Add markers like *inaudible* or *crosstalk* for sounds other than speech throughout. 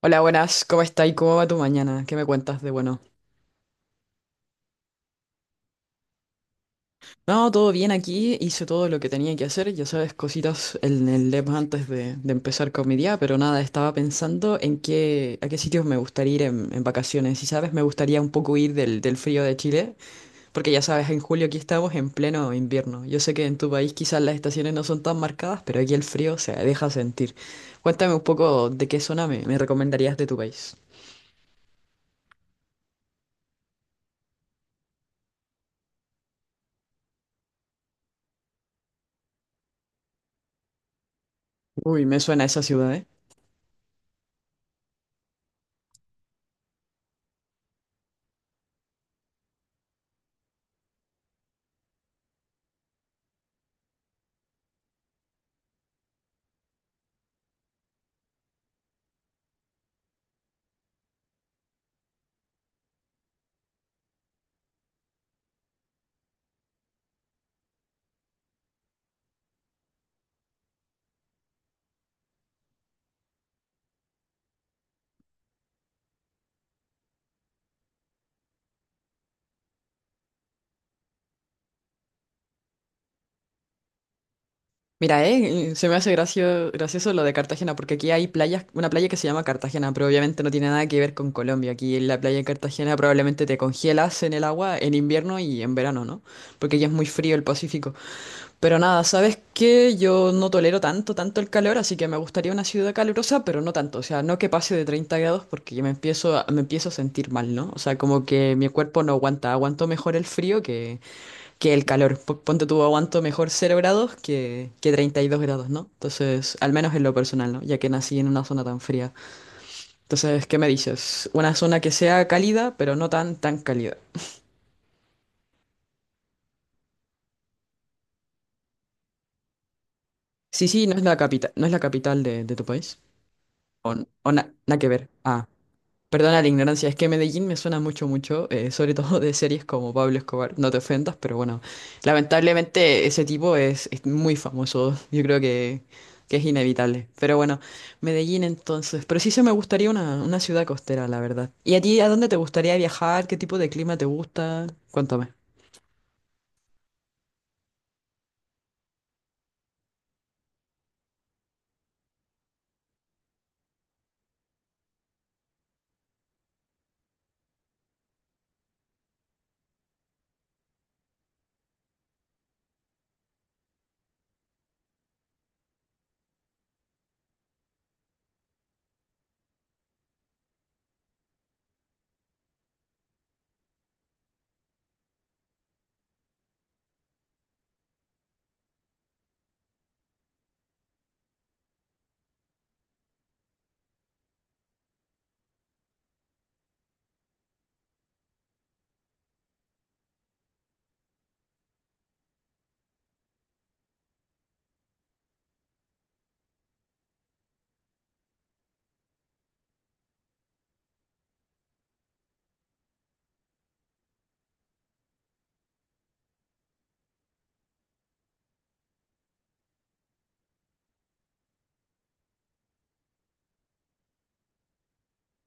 Hola, buenas, ¿cómo estáis? ¿Cómo va tu mañana? ¿Qué me cuentas de bueno? No, todo bien aquí, hice todo lo que tenía que hacer, ya sabes, cositas en el lab antes de empezar con mi día, pero nada, estaba pensando a qué sitios me gustaría ir en vacaciones. Y sabes, me gustaría un poco ir del frío de Chile, porque ya sabes, en julio aquí estamos en pleno invierno. Yo sé que en tu país quizás las estaciones no son tan marcadas, pero aquí el frío se deja sentir. Cuéntame un poco de qué zona me recomendarías de tu país. Uy, me suena esa ciudad, ¿eh? Mira, se me hace gracioso lo de Cartagena, porque aquí hay playas, una playa que se llama Cartagena, pero obviamente no tiene nada que ver con Colombia. Aquí en la playa de Cartagena probablemente te congelas en el agua en invierno y en verano, ¿no? Porque ya es muy frío el Pacífico. Pero nada, ¿sabes qué? Yo no tolero tanto, tanto el calor, así que me gustaría una ciudad calurosa, pero no tanto. O sea, no que pase de 30 grados porque ya me empiezo a sentir mal, ¿no? O sea, como que mi cuerpo no aguanta, aguanto mejor el frío que el calor. Ponte tú aguanto mejor 0 grados que 32 grados, ¿no? Entonces, al menos en lo personal, ¿no? Ya que nací en una zona tan fría. Entonces, ¿qué me dices? Una zona que sea cálida, pero no tan, tan cálida. Sí, sí, no es la capital, no es la capital de tu país. O, n- o na- Nada que ver. Ah. Perdona la ignorancia, es que Medellín me suena mucho, mucho, sobre todo de series como Pablo Escobar, no te ofendas, pero bueno, lamentablemente ese tipo es muy famoso, yo creo que es inevitable. Pero bueno, Medellín entonces, pero sí se me gustaría una ciudad costera, la verdad. ¿Y a ti a dónde te gustaría viajar? ¿Qué tipo de clima te gusta? Cuéntame.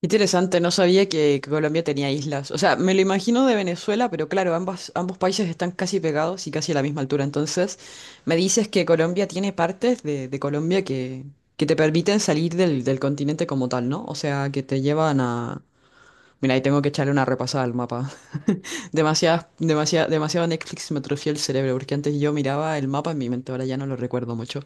Interesante, no sabía que Colombia tenía islas. O sea, me lo imagino de Venezuela, pero claro, ambas, ambos países están casi pegados y casi a la misma altura. Entonces, me dices que Colombia tiene partes de Colombia que te permiten salir del continente como tal, ¿no? O sea, que te llevan a... Mira, ahí tengo que echarle una repasada al mapa. *laughs* Demasiado, demasiado, demasiado Netflix me atrofió el cerebro, porque antes yo miraba el mapa en mi mente, ahora ya no lo recuerdo mucho.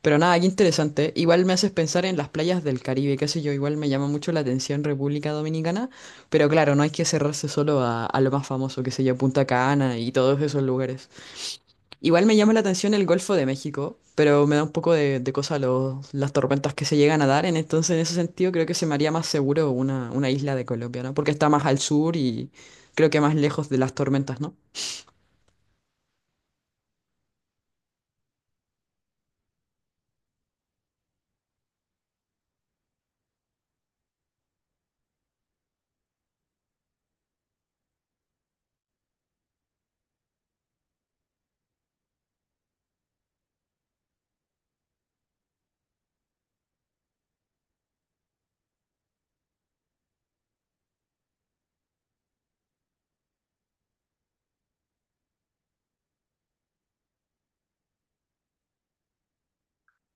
Pero nada, qué interesante. Igual me haces pensar en las playas del Caribe, qué sé yo, igual me llama mucho la atención República Dominicana, pero claro, no hay que cerrarse a lo más famoso, qué sé yo, Punta Cana y todos esos lugares. Igual me llama la atención el Golfo de México, pero me da un poco de cosa las tormentas que se llegan a dar, entonces en ese sentido creo que se me haría más seguro una isla de Colombia, ¿no? Porque está más al sur y creo que más lejos de las tormentas, ¿no?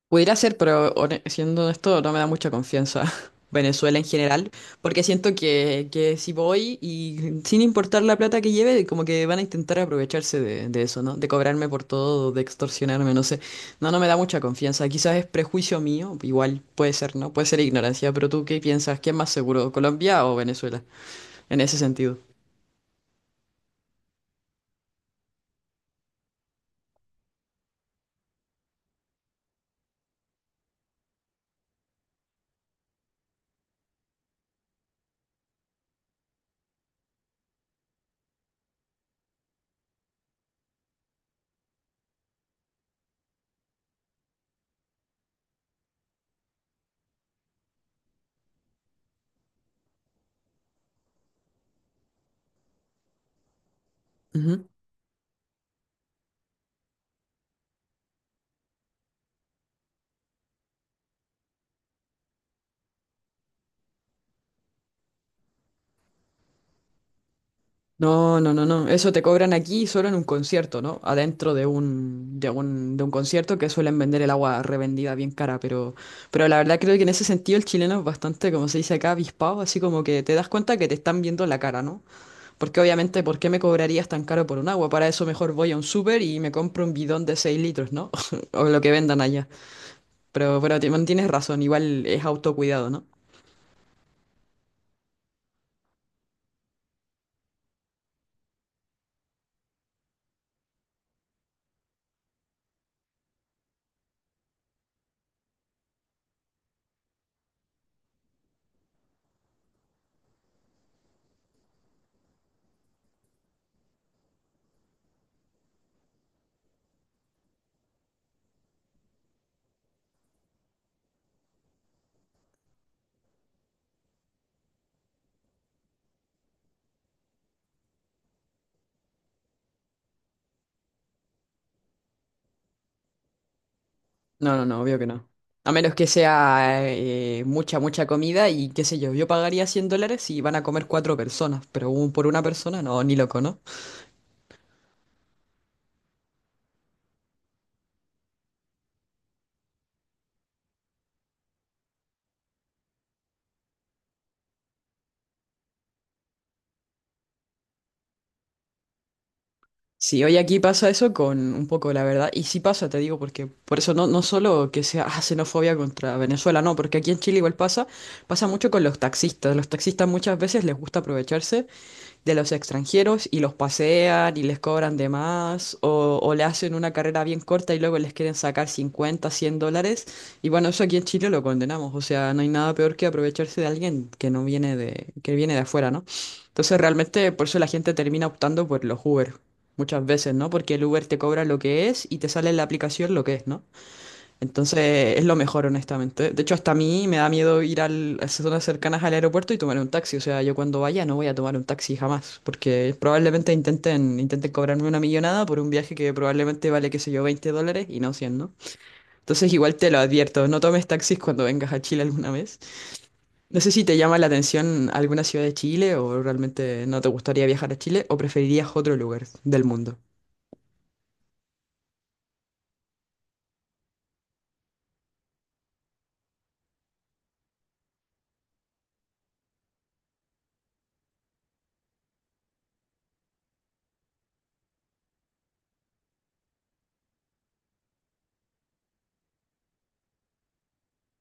Pudiera ser, pero siendo honesto, no me da mucha confianza *laughs* Venezuela en general, porque siento que si voy y sin importar la plata que lleve, como que van a intentar aprovecharse de eso, ¿no? De cobrarme por todo, de extorsionarme, no sé. No, no me da mucha confianza. Quizás es prejuicio mío, igual puede ser, ¿no? Puede ser ignorancia, pero ¿tú qué piensas? ¿Qué es más seguro, Colombia o Venezuela? En ese sentido. No, no, no, no. Eso te cobran aquí solo en un concierto, ¿no? Adentro de un concierto que suelen vender el agua revendida bien cara, pero la verdad creo que en ese sentido el chileno es bastante, como se dice acá, avispado, así como que te das cuenta que te están viendo la cara, ¿no? Porque obviamente, ¿por qué me cobrarías tan caro por un agua? Para eso mejor voy a un súper y me compro un bidón de 6 litros, ¿no? *laughs* O lo que vendan allá. Pero tienes razón, igual es autocuidado, ¿no? No, no, no, obvio que no. A menos que sea mucha, mucha comida y qué sé yo, yo pagaría $100 y van a comer cuatro personas, pero por una persona, no, ni loco, ¿no? Sí, hoy aquí pasa eso con un poco la verdad, y sí pasa, te digo, porque por eso no solo que sea *laughs* ah, xenofobia contra Venezuela, no, porque aquí en Chile igual pasa, pasa mucho con los taxistas. Los taxistas muchas veces les gusta aprovecharse. De los extranjeros y los pasean y les cobran de más o le hacen una carrera bien corta y luego les quieren sacar 50, $100. Y bueno, eso aquí en Chile lo condenamos. O sea, no hay nada peor que aprovecharse de alguien que no viene de, que viene de afuera, ¿no? Entonces realmente por eso la gente termina optando por los Uber muchas veces, ¿no? Porque el Uber te cobra lo que es y te sale en la aplicación lo que es, ¿no? Entonces es lo mejor, honestamente. De hecho, hasta a mí me da miedo ir al, a zonas cercanas al aeropuerto y tomar un taxi. O sea, yo cuando vaya no voy a tomar un taxi jamás, porque probablemente intenten cobrarme una millonada por un viaje que probablemente vale, qué sé yo, $20 y no 100, ¿no? Entonces igual te lo advierto, no tomes taxis cuando vengas a Chile alguna vez. No sé si te llama la atención alguna ciudad de Chile o realmente no te gustaría viajar a Chile o preferirías otro lugar del mundo.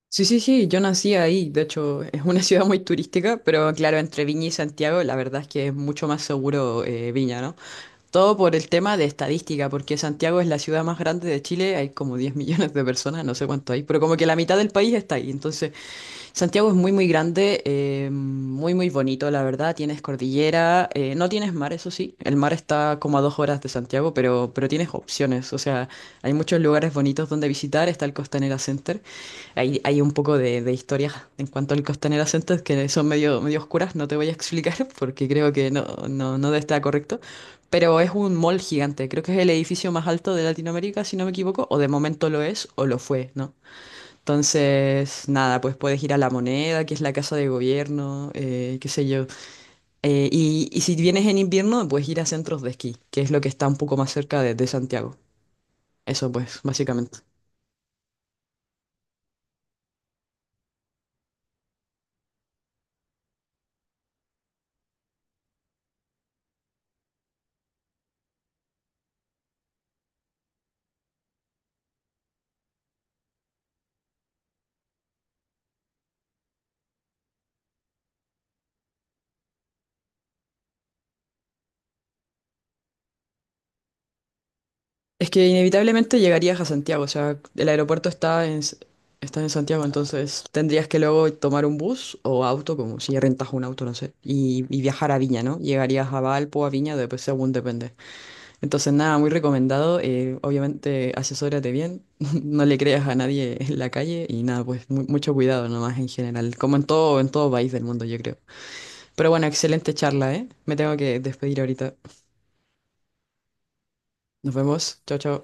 Sí, sí, sí, yo nací ahí, de hecho es una *laughs* ciudad muy turística, pero claro, entre Viña y Santiago la verdad es que es mucho más seguro Viña, ¿no? Todo por el tema de estadística, porque Santiago es la ciudad más grande de Chile, hay como 10 millones de personas, no sé cuánto hay, pero como que la mitad del país está ahí, entonces Santiago es muy, muy grande, muy, muy bonito, la verdad, tienes cordillera, no tienes mar, eso sí, el mar está como a 2 horas de Santiago, pero tienes opciones, o sea, hay muchos lugares bonitos donde visitar, está el Costanera Center. Hay un poco de historias en cuanto al Costanera Center que son medio, medio oscuras, no te voy a explicar *laughs* porque creo que no, no, no está correcto, pero es un mall gigante, creo que es el edificio más alto de Latinoamérica, si no me equivoco, o de momento lo es o lo fue, ¿no? Entonces, nada, pues puedes ir a La Moneda, que es la casa de gobierno, qué sé yo. Y si vienes en invierno, puedes ir a centros de esquí, que es lo que está un poco más cerca de Santiago. Eso pues, básicamente. Es que inevitablemente llegarías a Santiago, o sea, el aeropuerto está está en Santiago, entonces tendrías que luego tomar un bus o auto, como si rentas un auto, no sé, y viajar a Viña, ¿no? Llegarías a Valpo, a Viña, después según depende. Entonces, nada, muy recomendado, obviamente asesórate bien, *laughs* no le creas a nadie en la calle y nada, pues mucho cuidado nomás en general, como en todo país del mundo, yo creo. Pero bueno, excelente charla, ¿eh? Me tengo que despedir ahorita. Nos vemos, chao, chao.